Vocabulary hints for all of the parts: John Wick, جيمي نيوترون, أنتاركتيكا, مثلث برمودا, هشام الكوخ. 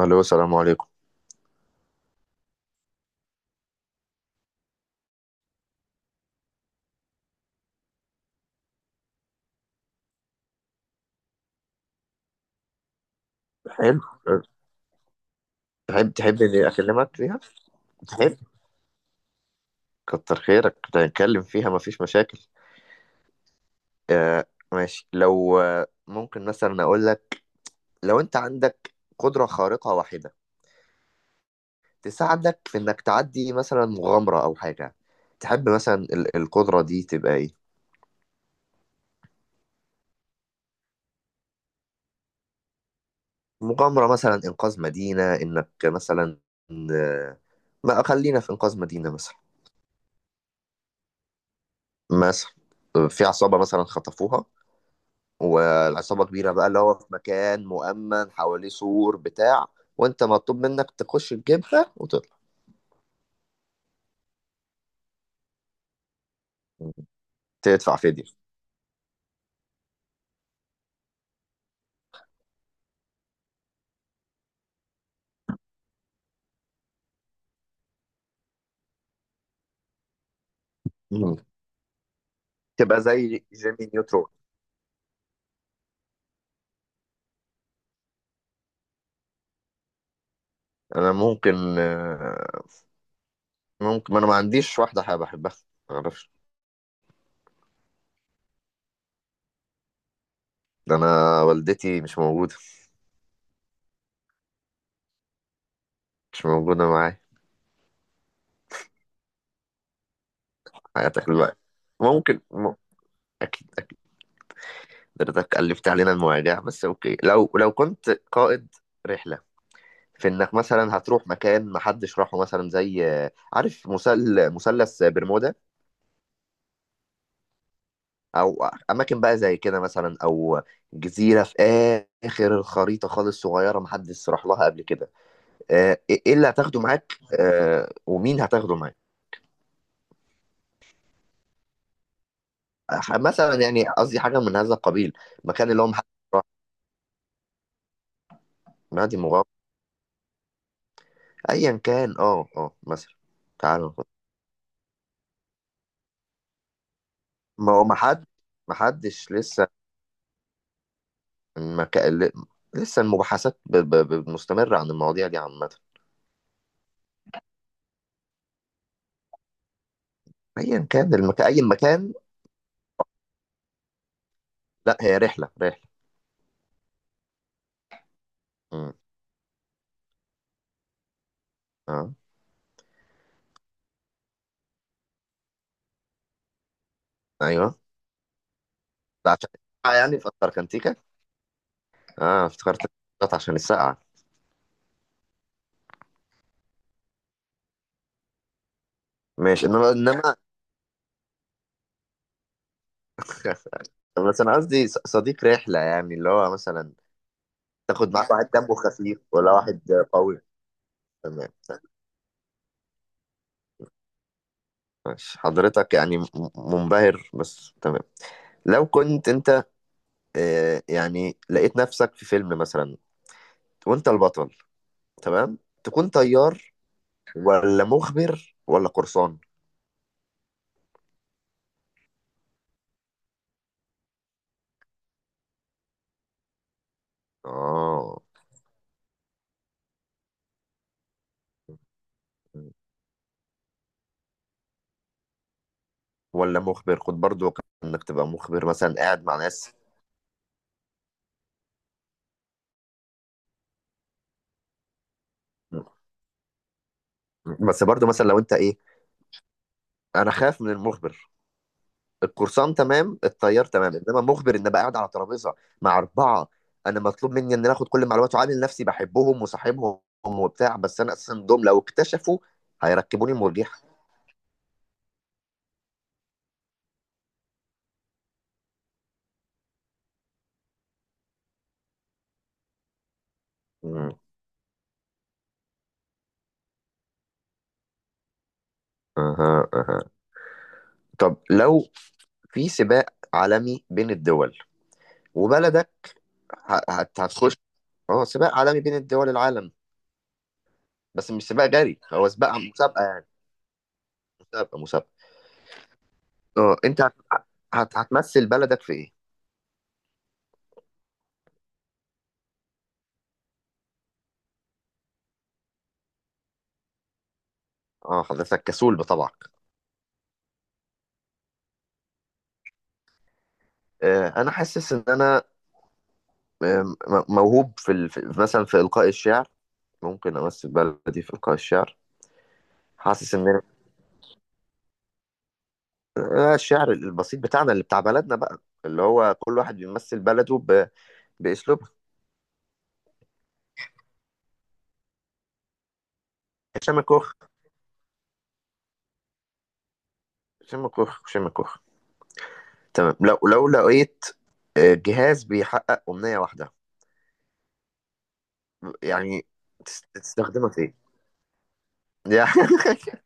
الو، السلام عليكم. حلو. تحب اني اكلمك فيها؟ تحب؟ كتر خيرك، نتكلم فيها مفيش مشاكل. آه، ماشي. لو ممكن مثلا اقول لك، لو انت عندك قدرة خارقة واحدة تساعدك في انك تعدي مثلا مغامرة او حاجة، تحب مثلا القدرة دي تبقى ايه؟ مغامرة مثلا انقاذ مدينة، انك مثلا آه ما خلينا في انقاذ مدينة مثلا، مثلا في عصابة مثلا خطفوها، والعصابة كبيرة بقى، اللي هو في مكان مؤمن حواليه سور بتاع، وانت مطلوب منك تخش تجيبها وتطلع. تدفع فدية؟ مم. تبقى زي جيمي نيوترون. انا ممكن ممكن, ما انا ما عنديش واحدة حابة احبها، ما اعرفش. ده انا والدتي مش موجودة، مش موجودة معايا. حياتك دلوقتي ممكن اكيد، اكيد حضرتك ألفت علينا المواجع، بس اوكي. لو كنت قائد رحلة، في انك مثلا هتروح مكان محدش راحه، مثلا زي عارف مثلث برمودا، او اماكن بقى زي كده مثلا، او جزيره في اخر الخريطه خالص، صغيره محدش راح لها قبل كده. آه، ايه إيه اللي هتاخده معاك؟ ومين هتاخده معاك؟ مثلا يعني قصدي حاجه من هذا القبيل، مكان اللي هو محدش راح. نادي مغامره ايا كان. اه مثلا تعالوا. ما هو محدش لسه، المك... ل- لسه المباحثات مستمرة عن المواضيع دي عامة. أيا كان المكان، أي مكان. لا، هي رحلة، رحلة. امم. اه. أيوه. ده عشان السقعة يعني في أنتاركتيكا. اه، افتكرت، كانت عشان السقعة. ماشي، إنما. بس أنا قصدي صديق رحلة، يعني اللي هو مثلا تاخد معاك واحد دمه خفيف ولا واحد قوي. تمام، ماشي. حضرتك يعني منبهر، بس تمام. لو كنت انت يعني لقيت نفسك في فيلم مثلا وانت البطل، تمام، تكون طيار ولا مخبر ولا قرصان؟ اه ولا مخبر، خد برضو كان انك تبقى مخبر مثلا، قاعد مع ناس. بس برضو مثلا، لو انت ايه، انا خايف من المخبر. القرصان تمام، الطيار تمام، انما مخبر، ان ابقى قاعد على ترابيزه مع اربعه، انا مطلوب مني ان انا اخد كل المعلومات وعامل نفسي بحبهم وصاحبهم وبتاع، بس انا اساسا دول لو اكتشفوا هيركبوني مرجيحه. مم. اها، اها. طب لو في سباق عالمي بين الدول وبلدك هتخش، هو سباق عالمي بين الدول العالم. بس مش سباق جري، هو سباق مسابقة يعني. مسابقة. اه انت هتمثل بلدك في ايه؟ اه حضرتك كسول بطبعك. انا حاسس ان انا آه، موهوب في مثلا في القاء الشعر، ممكن امثل بلدي في القاء الشعر. حاسس ان الشعر البسيط بتاعنا، اللي بتاع بلدنا بقى، اللي هو كل واحد بيمثل بلده باسلوبه. هشام الكوخ، هشام الكوخ، هشام الكوخ. تمام. لو لقيت جهاز بيحقق أمنية واحدة يعني، تستخدمها في ايه؟ يعني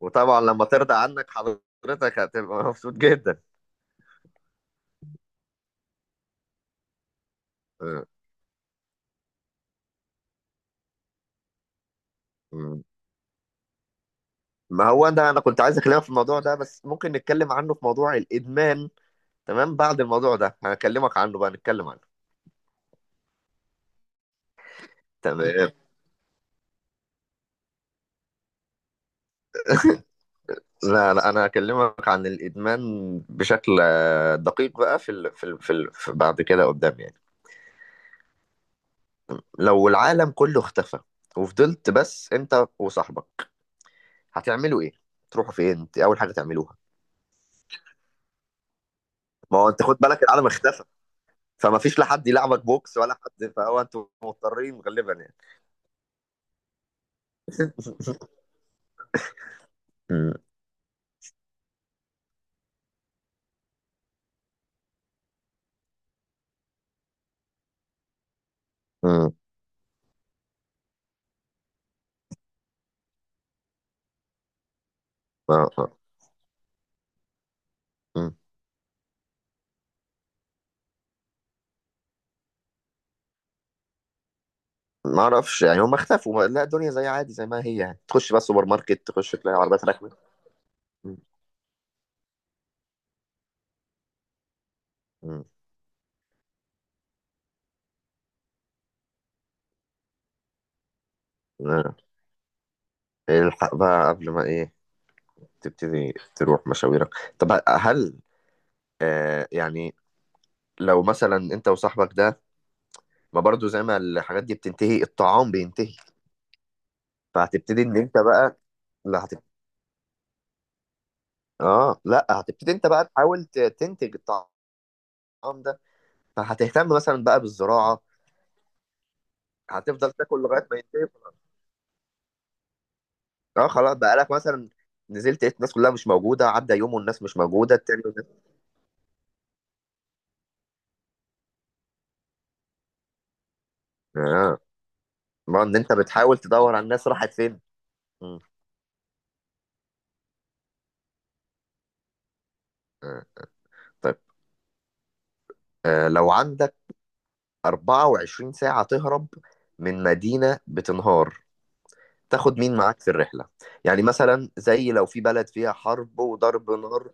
وطبعا لما ترضى عنك حضرتك، هتبقى مبسوط جدا. آه، مم. ما هو ده انا كنت عايز اكلمك في الموضوع ده، بس ممكن نتكلم عنه في موضوع الادمان. تمام، بعد الموضوع ده هكلمك عنه بقى، نتكلم عنه. تمام. لا، لا، انا هكلمك عن الادمان بشكل دقيق بقى، في بعد كده قدام يعني. لو العالم كله اختفى، وفضلت بس انت وصاحبك، هتعملوا ايه؟ تروحوا فين؟ انت اول حاجه تعملوها. ما هو انت خد بالك، العالم اختفى، فما فيش لا حد يلعبك بوكس ولا حد، فهو انتوا مضطرين غالبا يعني. امم، امم. آه، آه. أمم. ما اعرفش يعني هم اختفوا، لا، الدنيا زي عادي زي ما هي. يعني تخش بقى سوبر ماركت، تخش تلاقي عربيات راكنه. أمم، أمم. آه. الحق بقى قبل ما ايه تبتدي تروح مشاويرك. طب هل يعني لو مثلا انت وصاحبك ده، ما برضو زي ما الحاجات دي بتنتهي، الطعام بينتهي، فهتبتدي ان انت بقى. لا. اه، لا، هتبتدي انت بقى تحاول تنتج الطعام ده، فهتهتم مثلا بقى بالزراعه. هتفضل تاكل لغايه ما ينتهي. اه خلاص بقى، لك مثلا نزلت لقيت الناس كلها مش موجوده، عدى يوم والناس مش موجوده، التاني والناس. اه، ما ان انت بتحاول تدور على الناس راحت فين. مم. آه. طيب، لو عندك 24 ساعه تهرب من مدينه بتنهار، تاخد مين معاك في الرحله؟ يعني مثلا زي لو في بلد فيها حرب وضرب نار.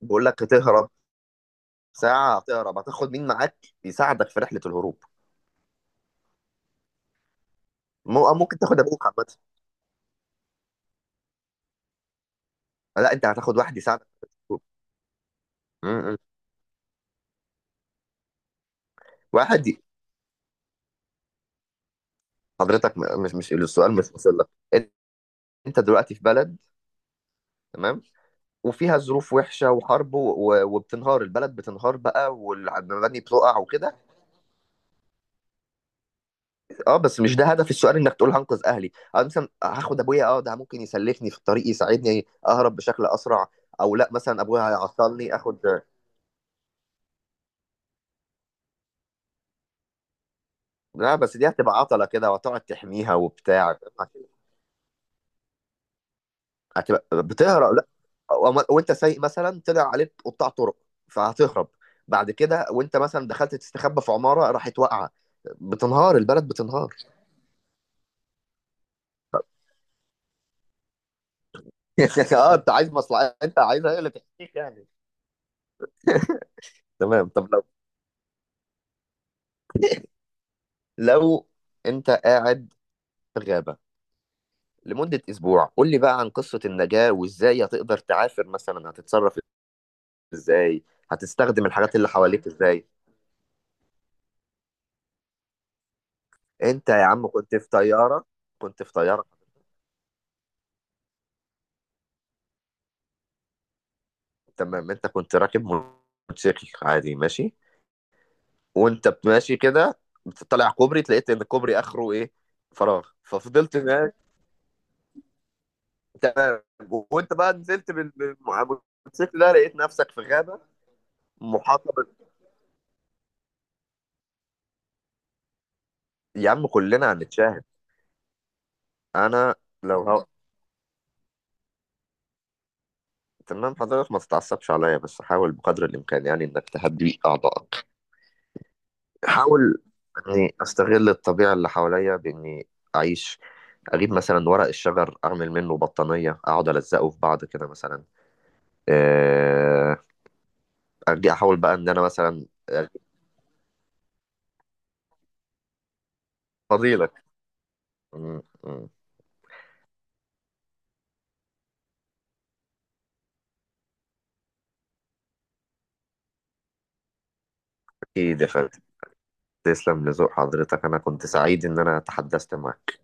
بيقول لك هتهرب، ساعة تهرب هتاخد مين معاك يساعدك في رحلة الهروب؟ أو ممكن تاخد أبوك عامة. لا، أنت هتاخد واحد يساعدك في رحلة الهروب. م- م. واحد ي- حضرتك مش السؤال مش واصل لك. أن- أنت دلوقتي في بلد، تمام، وفيها ظروف وحشة وحرب وبتنهار البلد، بتنهار بقى، والمباني بتقع وكده. اه بس مش ده هدف السؤال، انك تقول هنقذ اهلي أو مثلا هاخد ابويا، اه ده ممكن يسلفني في الطريق، يساعدني اهرب بشكل اسرع، او لا مثلا ابويا هيعطلني اخد. لا بس دي هتبقى عطلة كده، وهتقعد تحميها وبتاع. هتبقى بتهرب لا. وانت سايق مثلا طلع عليك قطاع طرق، فهتهرب. بعد كده وانت مثلا دخلت تستخبى في عمارة راحت واقعة، بتنهار البلد، بتنهار. اه، انت عايز مصلحة، انت عايزها هي اللي تحكيك يعني. تمام. طب لو انت قاعد في غابة لمدة أسبوع، قول لي بقى عن قصة النجاة، وإزاي هتقدر تعافر، مثلا هتتصرف إزاي؟ هتستخدم الحاجات اللي حواليك إزاي؟ انت يا عم كنت في طياره. تمام، انت كنت راكب موتوسيكل عادي ماشي، وانت ماشي كده بتطلع كوبري، لقيت ان الكوبري اخره ايه؟ فراغ. ففضلت ماشي. تمام، وانت بقى نزلت بالموتوسيكل ده، لقيت نفسك في غابه محاطه. يا عم كلنا هنتشاهد. انا لو هو... تمام، حضرتك ما تتعصبش عليا، بس حاول بقدر الامكان يعني انك تهدي اعضائك. احاول اني استغل الطبيعه اللي حواليا باني اعيش، اجيب مثلا ورق الشجر اعمل منه بطانيه، اقعد الزقه في بعض كده مثلا. آه، اجي احاول بقى ان انا مثلا فضيلك. م- م. اكيد يا فندم. تسلم لذوق حضرتك، انا كنت سعيد ان انا تحدثت معك.